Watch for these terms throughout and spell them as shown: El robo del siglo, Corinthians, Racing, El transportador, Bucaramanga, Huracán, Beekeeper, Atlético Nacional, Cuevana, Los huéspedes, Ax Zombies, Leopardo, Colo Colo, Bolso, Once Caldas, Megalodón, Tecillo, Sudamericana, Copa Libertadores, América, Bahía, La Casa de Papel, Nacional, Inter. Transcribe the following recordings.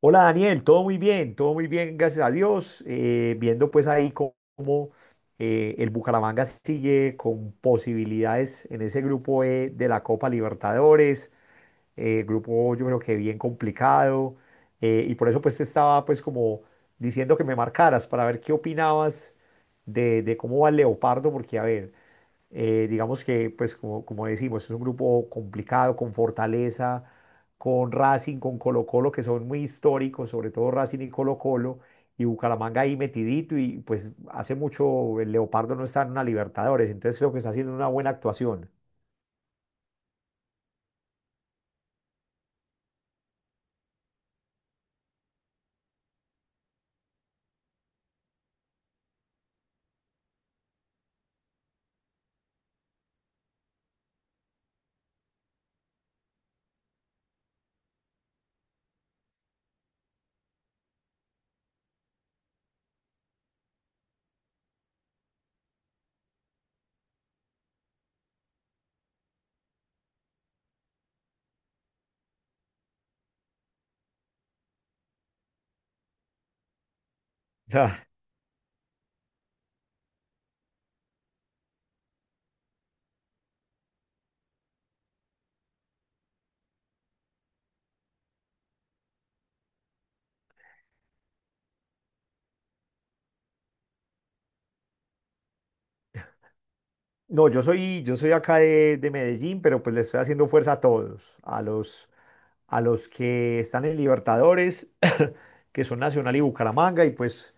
Hola Daniel, todo muy bien, gracias a Dios. Viendo pues ahí cómo, el Bucaramanga sigue con posibilidades en ese grupo E de la Copa Libertadores, grupo yo creo que bien complicado, y por eso pues te estaba pues como diciendo que me marcaras para ver qué opinabas de cómo va el Leopardo, porque a ver, digamos que, pues como decimos, es un grupo complicado, con fortaleza, con Racing, con Colo Colo, que son muy históricos, sobre todo Racing y Colo Colo, y Bucaramanga ahí metidito, y pues hace mucho el Leopardo no está en una Libertadores, entonces creo que está haciendo una buena actuación. Ya. No, yo soy acá de Medellín, pero pues le estoy haciendo fuerza a todos, a los que están en Libertadores, que son Nacional y Bucaramanga, y pues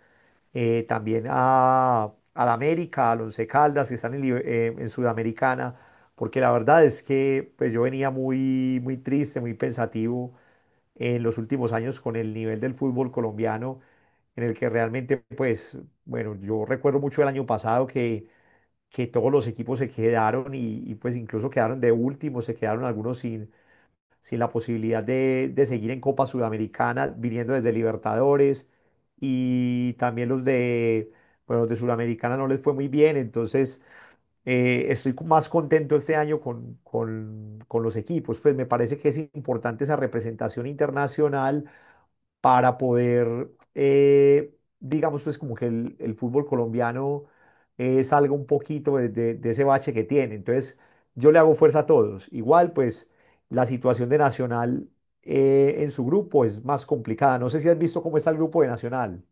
también a, al América, al Once Caldas, que están en en Sudamericana, porque la verdad es que pues, yo venía muy, muy triste, muy pensativo en los últimos años con el nivel del fútbol colombiano, en el que realmente, pues, bueno, yo recuerdo mucho el año pasado que todos los equipos se quedaron y pues incluso quedaron de último, se quedaron algunos sin la posibilidad de seguir en Copa Sudamericana, viniendo desde Libertadores, y también bueno, los de Sudamericana no les fue muy bien, entonces estoy más contento este año con los equipos. Pues me parece que es importante esa representación internacional para poder, digamos, pues como que el fútbol colombiano salga un poquito de, de ese bache que tiene. Entonces, yo le hago fuerza a todos. Igual, pues, la situación de Nacional en su grupo es más complicada. No sé si has visto cómo está el grupo de Nacional.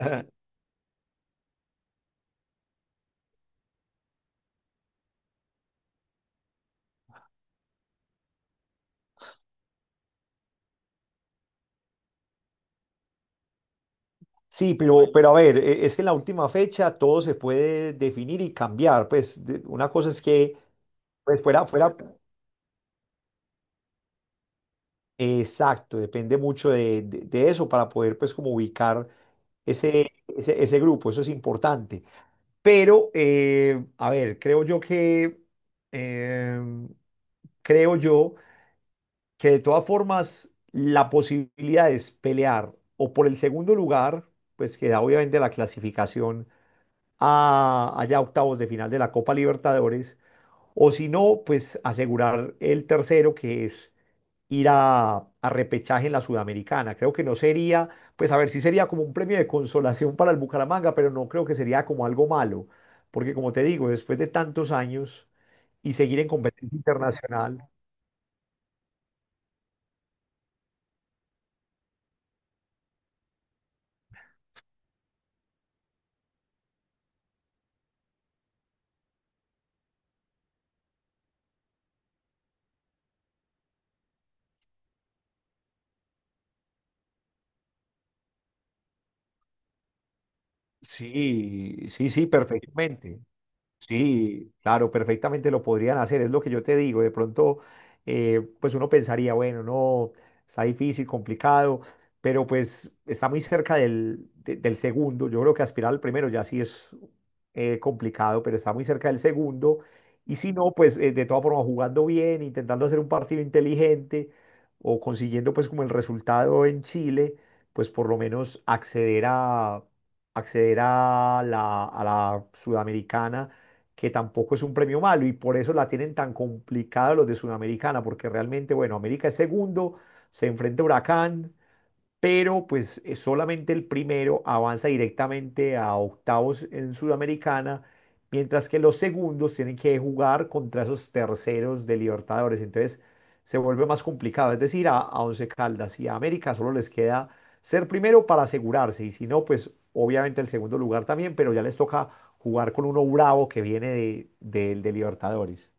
Sí, pero a ver, es que en la última fecha todo se puede definir y cambiar. Pues una cosa es que pues fuera, exacto, depende mucho de, de eso para poder pues como ubicar ese grupo, eso es importante. Pero, a ver, eh, creo yo que de todas formas la posibilidad es pelear o por el segundo lugar, pues que da obviamente la clasificación allá octavos de final de la Copa Libertadores, o si no, pues asegurar el tercero que es ir a repechaje en la Sudamericana. Creo que no sería, pues a ver, sí sería como un premio de consolación para el Bucaramanga, pero no creo que sería como algo malo, porque como te digo, después de tantos años y seguir en competencia internacional, sí, sí, sí, perfectamente. Sí, claro, perfectamente lo podrían hacer, es lo que yo te digo. De pronto, pues uno pensaría, bueno, no, está difícil, complicado, pero pues está muy cerca del, del segundo. Yo creo que aspirar al primero ya sí es complicado, pero está muy cerca del segundo. Y si no, pues de todas formas, jugando bien, intentando hacer un partido inteligente o consiguiendo pues como el resultado en Chile, pues por lo menos acceder a a la Sudamericana, que tampoco es un premio malo, y por eso la tienen tan complicada los de Sudamericana, porque realmente, bueno, América es segundo, se enfrenta a Huracán, pero pues solamente el primero avanza directamente a octavos en Sudamericana, mientras que los segundos tienen que jugar contra esos terceros de Libertadores. Entonces se vuelve más complicado. Es decir, a Once Caldas y a América solo les queda ser primero para asegurarse, y si no, pues obviamente el segundo lugar también, pero ya les toca jugar con uno bravo que viene de, del de Libertadores.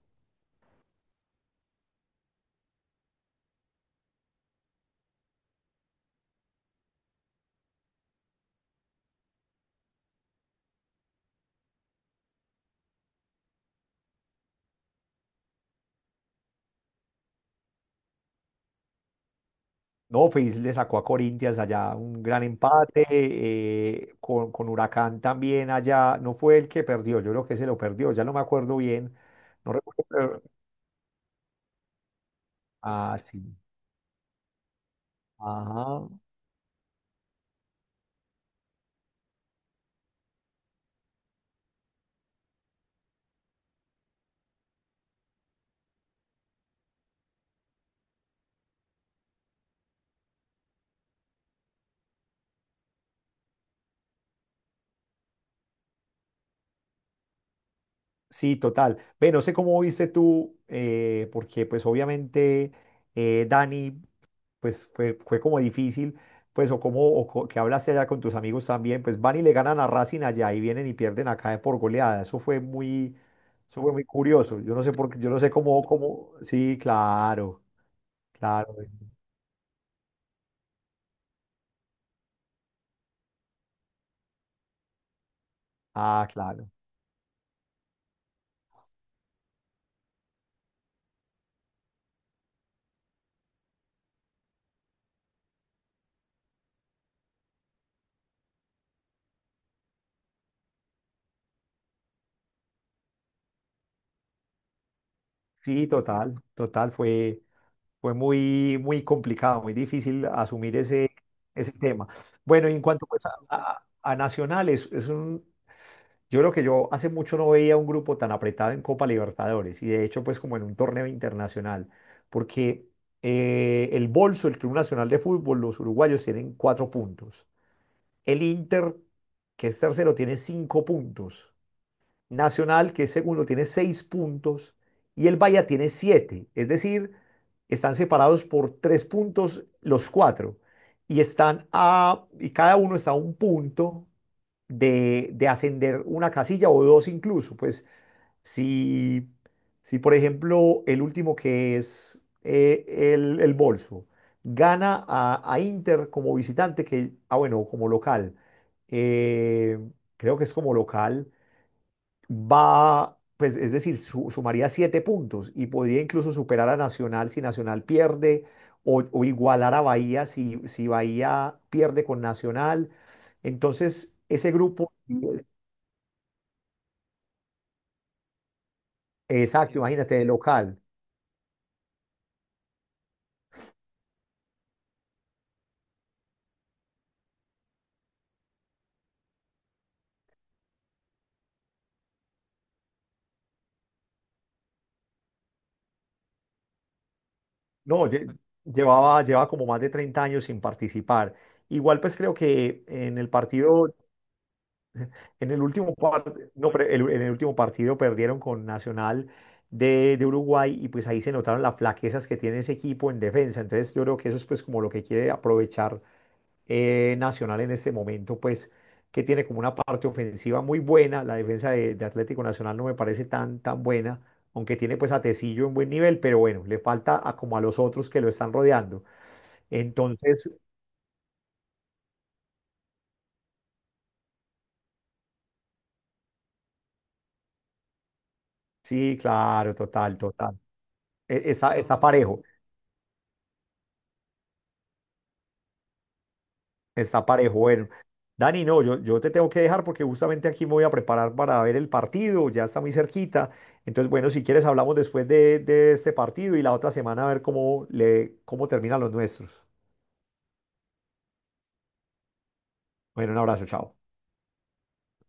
No, Fis le sacó a Corinthians allá un gran empate, con Huracán también allá, no fue el que perdió, yo creo que se lo perdió, ya no me acuerdo bien, no recuerdo, ah, sí, ajá, sí, total. Ve, no sé cómo viste tú, porque pues obviamente Dani, pues fue como difícil, pues o como que hablaste allá con tus amigos también, pues van y le ganan a Racing allá y vienen y pierden acá por goleada. Eso fue muy curioso. Yo no sé por qué, yo no sé cómo, sí, claro, claro. Ah, claro. Sí, total, total, fue muy, muy complicado, muy difícil asumir ese tema. Bueno, y en cuanto pues, a, a nacionales, yo creo que yo hace mucho no veía un grupo tan apretado en Copa Libertadores y de hecho pues como en un torneo internacional, porque el Bolso, el Club Nacional de Fútbol, los uruguayos tienen 4 puntos. El Inter, que es tercero, tiene 5 puntos. Nacional, que es segundo, tiene 6 puntos y el Bahía tiene 7. Es decir, están separados por 3 puntos los cuatro y están a, y cada uno está a 1 punto de ascender una casilla o dos incluso. Pues si, si por ejemplo, el último que es el Bolso gana a Inter como visitante, que, ah, bueno, como local, eh, creo que es como local va, pues es decir, sumaría 7 puntos y podría incluso superar a Nacional si Nacional pierde o igualar a Bahía si Bahía pierde con Nacional. Entonces, ese grupo, exacto, imagínate, de local, no, lleva como más de 30 años sin participar. Igual, pues creo que en el partido, en el no, pero en el último partido perdieron con Nacional de Uruguay y pues ahí se notaron las flaquezas que tiene ese equipo en defensa. Entonces yo creo que eso es pues como lo que quiere aprovechar Nacional en este momento, pues que tiene como una parte ofensiva muy buena. La defensa de Atlético Nacional no me parece tan, tan buena, aunque tiene pues a Tecillo en buen nivel, pero bueno, le falta a, como a los otros que lo están rodeando. Entonces, sí, claro, total, total. Está parejo. Está parejo. Bueno, Dani, no, yo te tengo que dejar porque justamente aquí me voy a preparar para ver el partido, ya está muy cerquita. Entonces, bueno, si quieres hablamos después de este partido y la otra semana a ver cómo le, cómo terminan los nuestros. Bueno, un abrazo, chao.